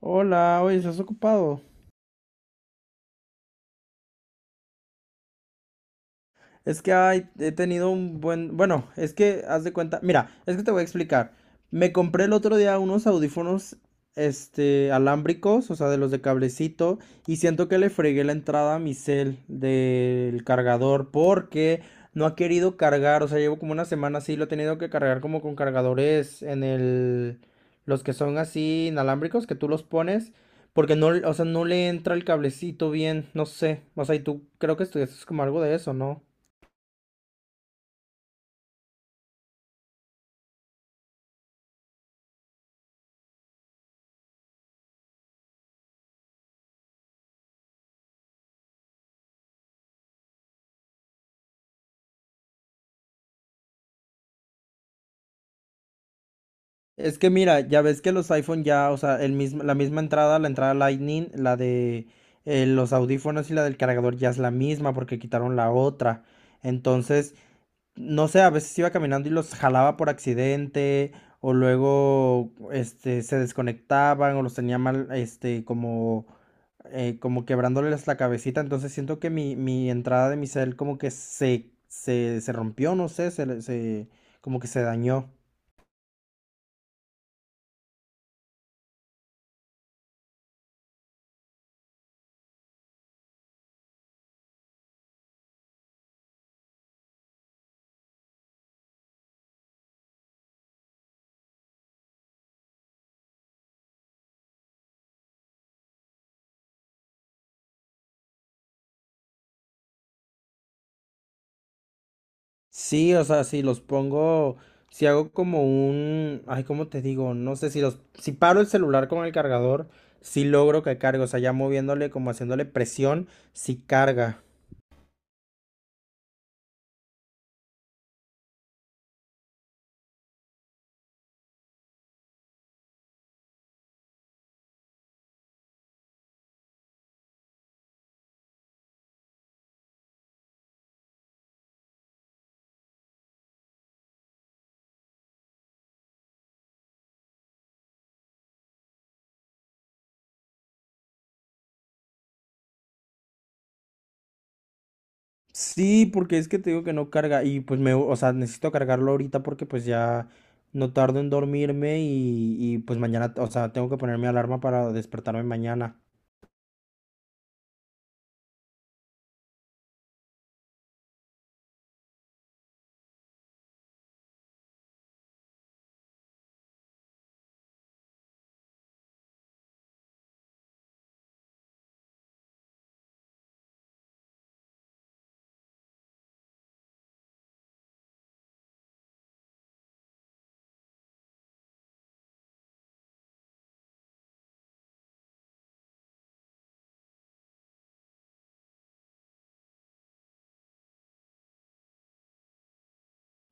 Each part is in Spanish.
Hola, oye, ¿estás ocupado? Es que ay, he tenido un buen... Bueno, es que haz de cuenta... Mira, es que te voy a explicar. Me compré el otro día unos audífonos, este, alámbricos, o sea, de los de cablecito, y siento que le fregué la entrada a mi cel del cargador porque no ha querido cargar, o sea, llevo como una semana así, lo he tenido que cargar como con cargadores en el... Los que son así inalámbricos, que tú los pones, porque no, o sea, no le entra el cablecito bien, no sé. O sea, y tú creo que estudiaste como algo de eso, ¿no? Es que mira, ya ves que los iPhone ya, o sea, el mismo, la misma entrada, la entrada Lightning, la de los audífonos y la del cargador ya es la misma porque quitaron la otra. Entonces, no sé, a veces iba caminando y los jalaba por accidente o luego este, se desconectaban o los tenía mal, este, como, como quebrándoles la cabecita. Entonces siento que mi entrada de mi cel como que se rompió, no sé, como que se dañó. Sí, o sea, si los pongo, si hago como un, ay, ¿cómo te digo? No sé, si los, si paro el celular con el cargador, sí logro que cargue, o sea, ya moviéndole, como haciéndole presión, sí carga. Sí, porque es que te digo que no carga y pues me, o sea, necesito cargarlo ahorita porque pues ya no tardo en dormirme y pues mañana, o sea, tengo que ponerme alarma para despertarme mañana.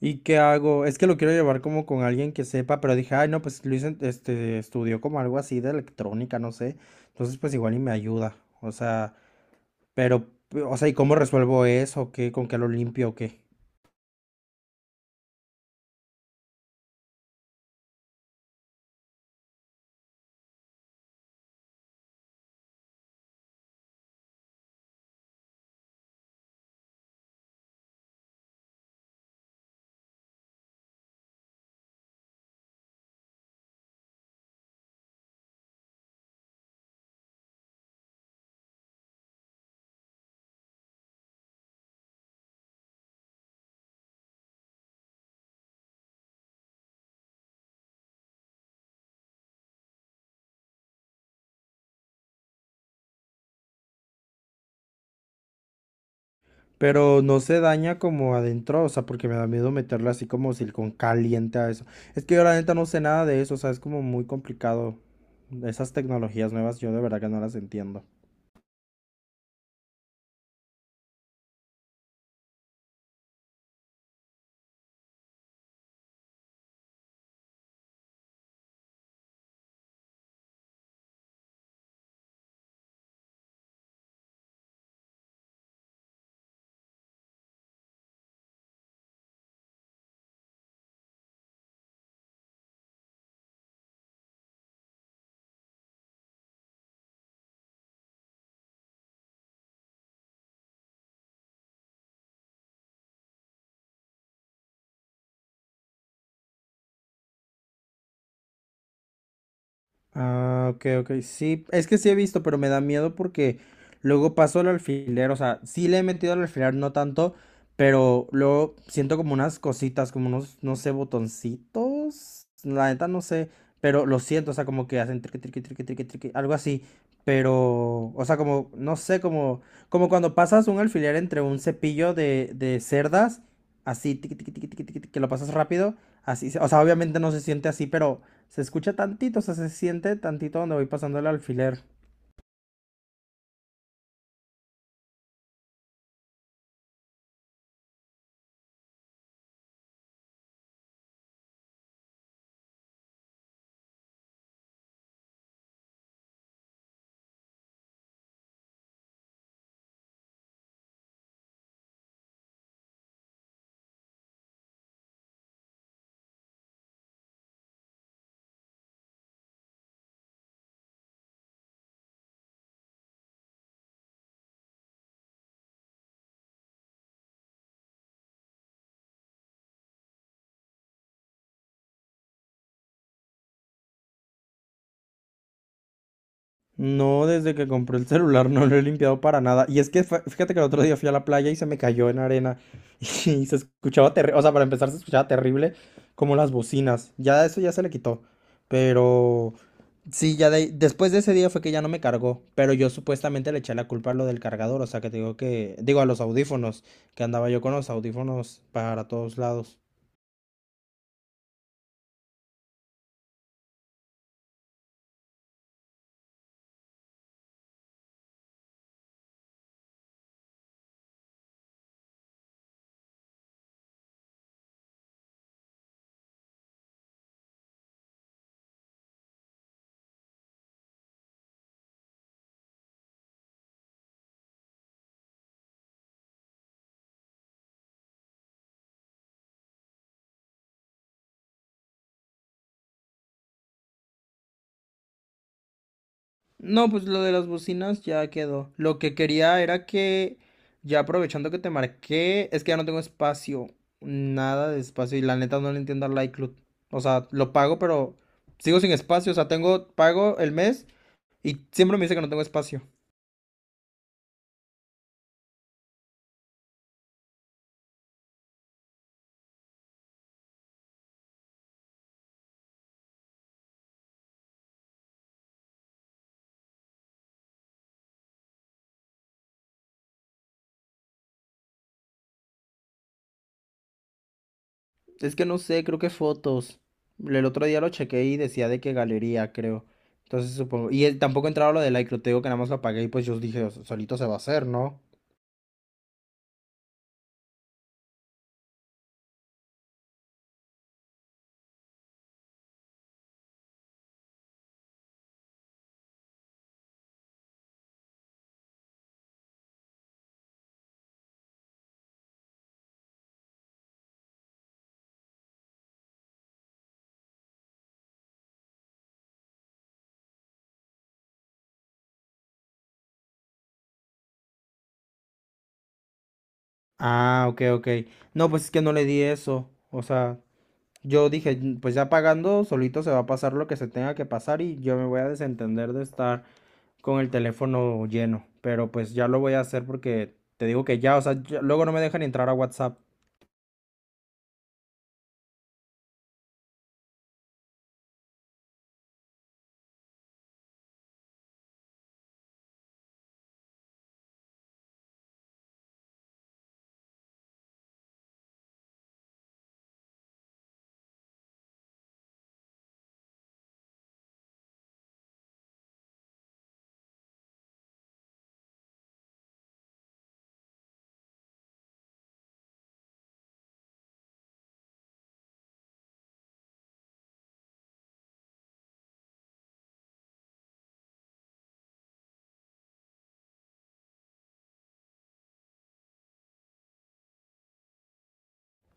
¿Y qué hago? Es que lo quiero llevar como con alguien que sepa, pero dije, ay, no, pues Luis este, estudió como algo así de electrónica, no sé. Entonces, pues igual y me ayuda. O sea, pero, o sea, ¿y cómo resuelvo eso? ¿Qué? ¿Con qué lo limpio o qué? Pero no se daña como adentro, o sea, porque me da miedo meterlo así como silicón caliente a eso. Es que yo la neta no sé nada de eso, o sea, es como muy complicado. Esas tecnologías nuevas yo de verdad que no las entiendo. Ah, ok, ok. Sí, es que sí he visto, pero me da miedo porque luego paso el alfiler. O sea, sí le he metido al alfiler, no tanto, pero luego siento como unas cositas, como unos, no sé, botoncitos. La neta no sé, pero lo siento, o sea, como que hacen triqui, triqui, triqui, triqui, triqui, algo así. Pero, o sea, como, no sé, como, como cuando pasas un alfiler entre un cepillo de cerdas, así, tiqui, tiqui, tiqui, tiqui, tiqui, que lo pasas rápido. Así, o sea, obviamente no se siente así, pero se escucha tantito, o sea, se siente tantito donde voy pasando el alfiler. No, desde que compré el celular no lo he limpiado para nada. Y es que fíjate que el otro día fui a la playa y se me cayó en arena. Y se escuchaba terrible. O sea, para empezar se escuchaba terrible como las bocinas. Ya eso ya se le quitó. Pero sí, ya después de ese día fue que ya no me cargó. Pero yo supuestamente le eché la culpa a lo del cargador. O sea, que te digo que. Digo, a los audífonos. Que andaba yo con los audífonos para todos lados. No, pues lo de las bocinas ya quedó. Lo que quería era que, ya aprovechando que te marqué, es que ya no tengo espacio, nada de espacio y la neta no le entiendo al iCloud. O sea, lo pago, pero sigo sin espacio. O sea, tengo, pago el mes y siempre me dice que no tengo espacio. Es que no sé, creo que fotos. El otro día lo chequeé y decía de que galería, creo. Entonces supongo. Y tampoco entraba lo del iCloud, te digo que nada más lo apagué y pues yo dije, "O sea, solito se va a hacer, ¿no? Ah, ok, ok. No, pues es que no le di eso. O sea, yo dije, "Mm, pues ya pagando, solito se va a pasar lo que se tenga que pasar y yo me voy a desentender de estar con el teléfono lleno. Pero pues ya lo voy a hacer porque te digo que ya, o sea, luego no me dejan entrar a WhatsApp.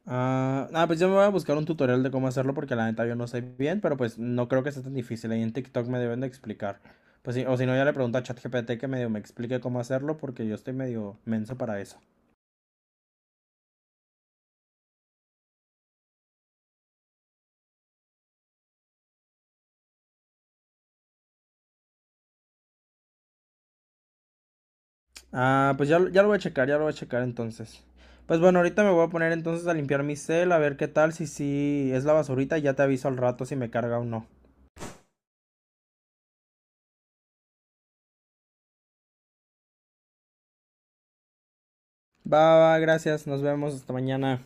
Ah, ah, pues yo me voy a buscar un tutorial de cómo hacerlo porque la neta yo no sé bien, pero pues no creo que sea tan difícil. Ahí en TikTok me deben de explicar. Pues sí, o si no, ya le pregunto a ChatGPT que medio me explique cómo hacerlo porque yo estoy medio menso para eso. Ah, pues ya, ya lo voy a checar, ya lo voy a checar entonces. Pues bueno, ahorita me voy a poner entonces a limpiar mi cel, a ver qué tal, si sí es la basurita, y ya te aviso al rato si me carga o no. Va, va, gracias, nos vemos hasta mañana.